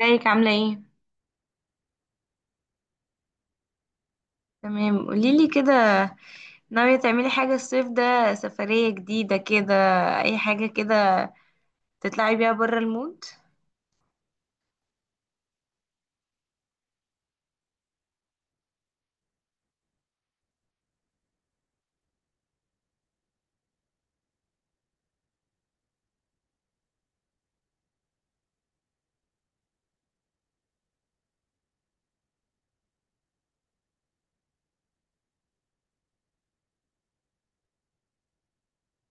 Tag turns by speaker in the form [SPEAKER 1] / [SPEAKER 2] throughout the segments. [SPEAKER 1] ازيك عاملة ايه؟ تمام، قوليلي كده. ناوية تعملي حاجة الصيف ده؟ سفرية جديدة كده، أي حاجة كده، تطلعي بيها برا المود؟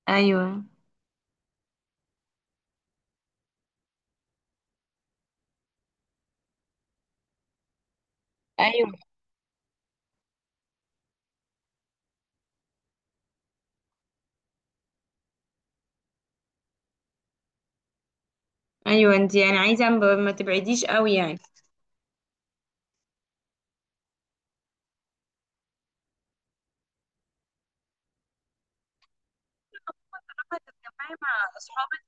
[SPEAKER 1] أيوه، أيوه، أيوه، انتي يعني عايزة ما تبعديش قوي يعني. طالما هتتجمعي مع أصحابك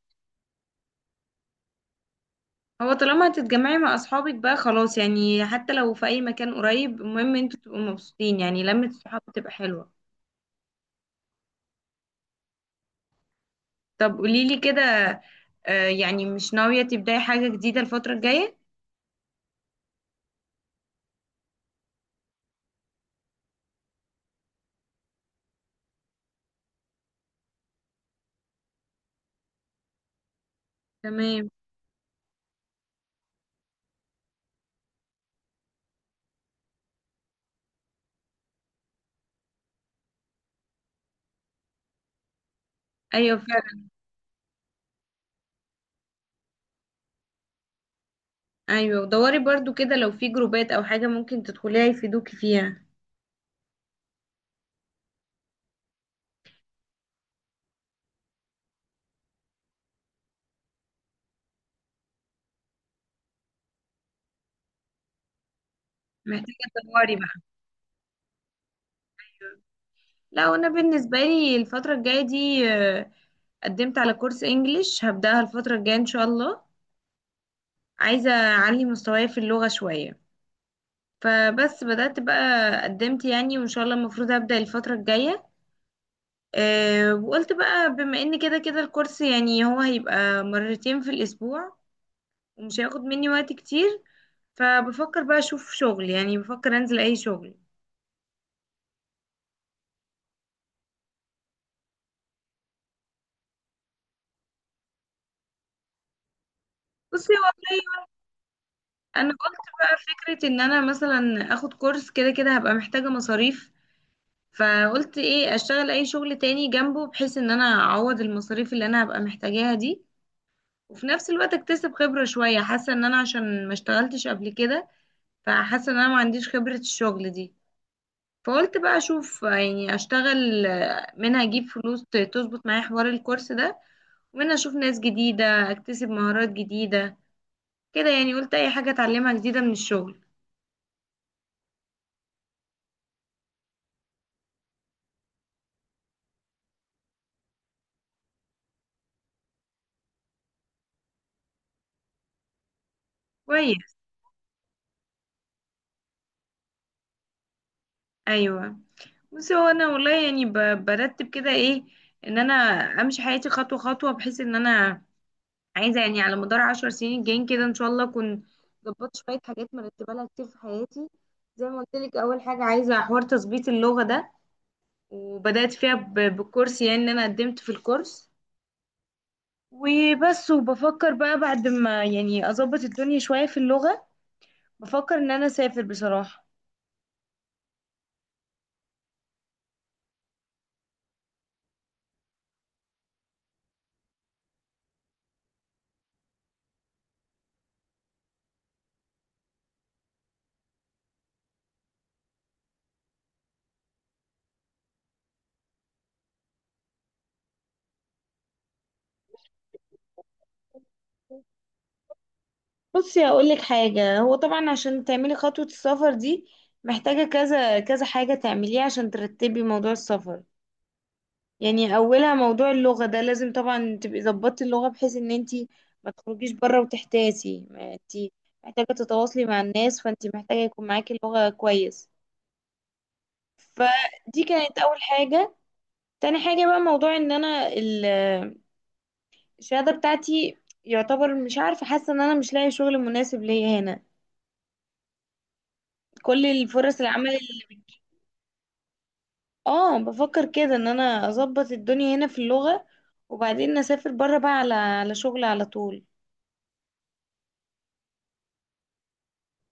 [SPEAKER 1] طالما هتتجمعي مع أصحابك بقى خلاص، يعني حتى لو في أي مكان قريب، المهم انتوا تبقوا مبسوطين، يعني لمة الصحاب بتبقى حلوة. طب قوليلي كده. يعني مش ناوية تبدأي حاجة جديدة الفترة الجاية؟ تمام. أيوه، فعلا. ايوه، ودوري برضو كده لو في جروبات او حاجه ممكن تدخليها يفيدوكي فيها. محتاجه تدوري بقى. لا، انا بالنسبه لي الفتره الجايه دي قدمت على كورس انجليش، هبداها الفتره الجايه ان شاء الله. عايزه اعلي مستواي في اللغه شويه. فبس بدات بقى، قدمت يعني، وان شاء الله المفروض هبدا الفتره الجايه. أه، وقلت بقى بما ان كده كده الكورس، يعني هو هيبقى مرتين في الاسبوع ومش هياخد مني وقت كتير. فبفكر بقى اشوف شغل، يعني بفكر انزل اي شغل. بصي والله، انا قلت بقى فكره ان انا مثلا اخد كورس، كده كده هبقى محتاجه مصاريف. فقلت ايه، اشتغل اي شغل تاني جنبه بحيث ان انا اعوض المصاريف اللي انا هبقى محتاجاها دي. وفي نفس الوقت اكتسب خبره شويه، حاسه ان انا عشان ما اشتغلتش قبل كده، فحاسه ان انا ما عنديش خبره الشغل دي. فقلت بقى اشوف، يعني اشتغل، منها اجيب فلوس تظبط معايا حوار الكورس ده، ومنها اشوف ناس جديده، اكتسب مهارات جديده كده، يعني قلت اي حاجه اتعلمها جديده من الشغل. كويس. ايوه. بس هو انا والله يعني برتب كده، ايه، ان انا امشي حياتي خطوه خطوه، بحيث ان انا عايزه يعني على مدار 10 سنين الجايين كده ان شاء الله اكون ظبطت شويه حاجات مرتبه لها كتير في حياتي. زي ما قلت لك، اول حاجه عايزه حوار تظبيط اللغه ده، وبدات فيها بالكورس، يعني ان انا قدمت في الكورس وبس. وبفكر بقى بعد ما يعني اظبط الدنيا شويه في اللغه، بفكر ان انا اسافر بصراحه. بصي هقول لك حاجة، هو طبعا عشان تعملي خطوة السفر دي محتاجة كذا كذا حاجة تعمليها عشان ترتبي موضوع السفر. يعني أولها موضوع اللغة ده، لازم طبعا تبقي ظبطتي اللغة بحيث إن انتي ما تخرجيش بره وتحتاسي، ما انتي محتاجة تتواصلي مع الناس، فانتي محتاجة يكون معاكي اللغة كويس. فدي كانت أول حاجة. تاني حاجة بقى، موضوع إن أنا الشهادة بتاعتي يعتبر مش عارفة، حاسة إن أنا مش لاقي شغل مناسب ليا هنا، كل الفرص العمل. اه، بفكر كده ان انا اظبط الدنيا هنا في اللغة وبعدين اسافر بره بقى على شغل على طول.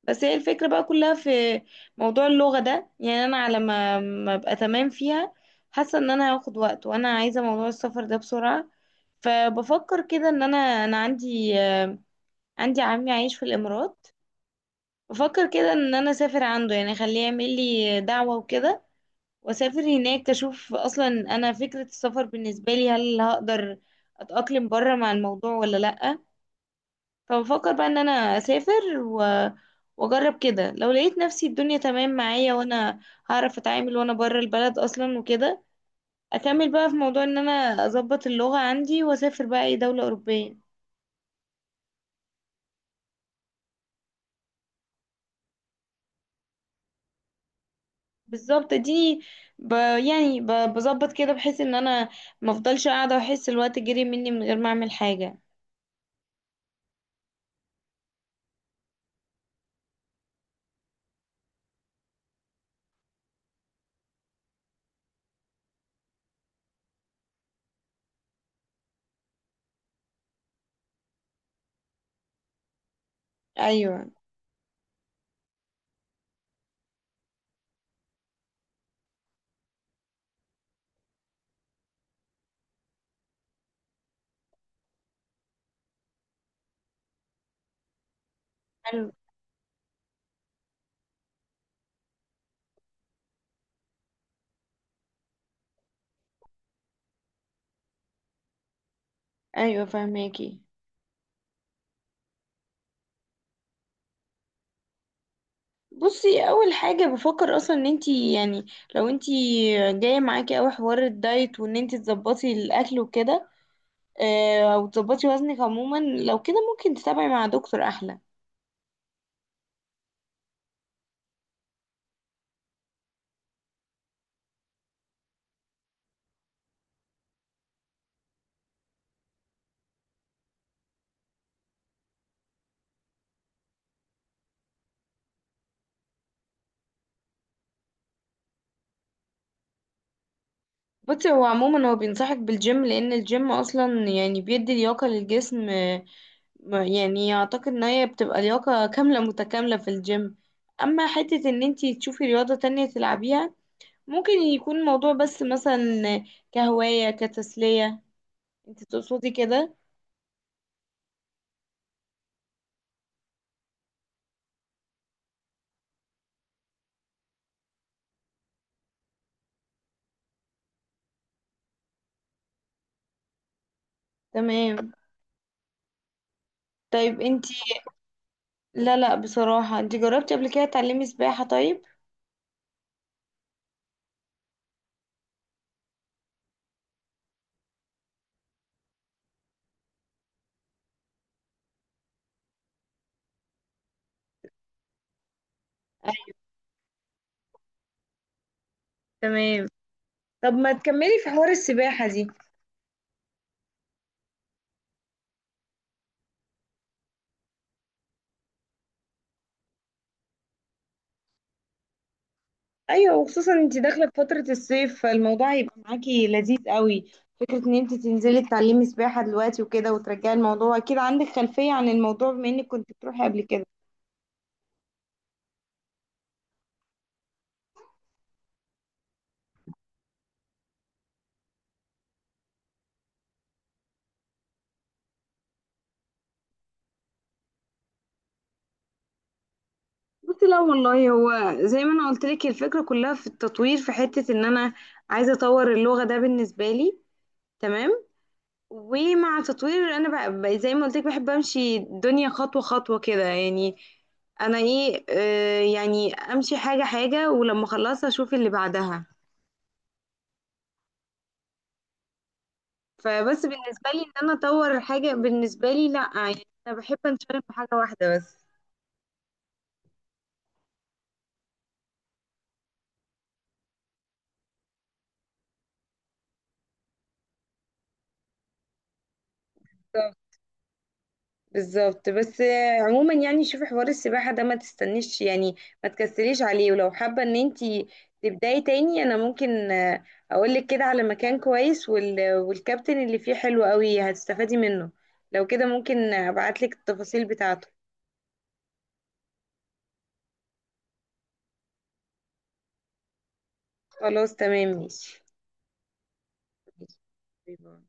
[SPEAKER 1] بس هي الفكرة بقى كلها في موضوع اللغة ده، يعني انا على ما ابقى تمام فيها حاسة ان انا هاخد وقت، وانا عايزة موضوع السفر ده بسرعة. فبفكر كده ان انا عندي عندي عمي عايش في الامارات. بفكر كده ان انا اسافر عنده، يعني اخليه يعمل لي دعوة وكده، واسافر هناك اشوف اصلا انا فكرة السفر بالنسبة لي هل هقدر اتأقلم بره مع الموضوع ولا لأ. فبفكر بقى ان انا اسافر واجرب كده، لو لقيت نفسي الدنيا تمام معايا وانا هعرف اتعامل وانا بره البلد اصلا وكده، اكمل بقى في موضوع ان انا اظبط اللغة عندي واسافر بقى اي دولة اوروبية. بالظبط، اديني ب... يعني بظبط كده بحيث ان انا مفضلش قاعدة واحس الوقت جري مني من غير ما اعمل حاجة. ايوه. حلو. ايوه، فهماكي. بصي، اول حاجه بفكر اصلا ان انتي يعني لو انتي جايه معاكي اوي حوار الدايت وان انتي تظبطي الاكل وكده، او تظبطي وزنك عموما، لو كده ممكن تتابعي مع دكتور احلى. بصي هو عموما هو بينصحك بالجيم لان الجيم اصلا يعني بيدي لياقه للجسم، يعني اعتقد ان هي بتبقى لياقه كامله متكامله في الجيم. اما حته ان انتي تشوفي رياضه تانية تلعبيها، ممكن يكون الموضوع بس مثلا كهوايه كتسليه، انتي تقصدي كده؟ تمام. طيب انتي. لا، لا، بصراحة، انتي جربتي قبل كده تعلمي سباحة؟ طيب. تمام. طب ما تكملي في حوار السباحة دي. ايوه، وخصوصا انتي داخلة في فترة الصيف فالموضوع هيبقى معاكي لذيذ قوي. فكرة ان انتي تنزلي تتعلمي سباحة دلوقتي وكده وترجعي، الموضوع اكيد عندك خلفية عن الموضوع بما انك كنت بتروحي قبل كده. بصي، لا والله، هو زي ما انا قلت لك الفكرة كلها في التطوير، في حتة ان انا عايزة اطور اللغة ده بالنسبة لي. تمام. ومع تطوير انا بقى زي ما قلت لك بحب امشي الدنيا خطوه خطوه كده، يعني انا ايه، يعني امشي حاجه حاجه ولما اخلصها اشوف اللي بعدها. فبس بالنسبه لي ان انا اطور حاجه بالنسبه لي، لا، يعني انا بحب انشغل في حاجه واحده بس. بالظبط. بس عموما يعني شوفي حوار السباحة ده ما تستنيش، يعني ما تكسليش عليه، ولو حابة ان انتي تبداي تاني انا ممكن اقولك كده على مكان كويس والكابتن اللي فيه حلو قوي، هتستفادي منه. لو كده ممكن ابعتلك التفاصيل بتاعته. خلاص تمام ماشي. ماشي. باي باي.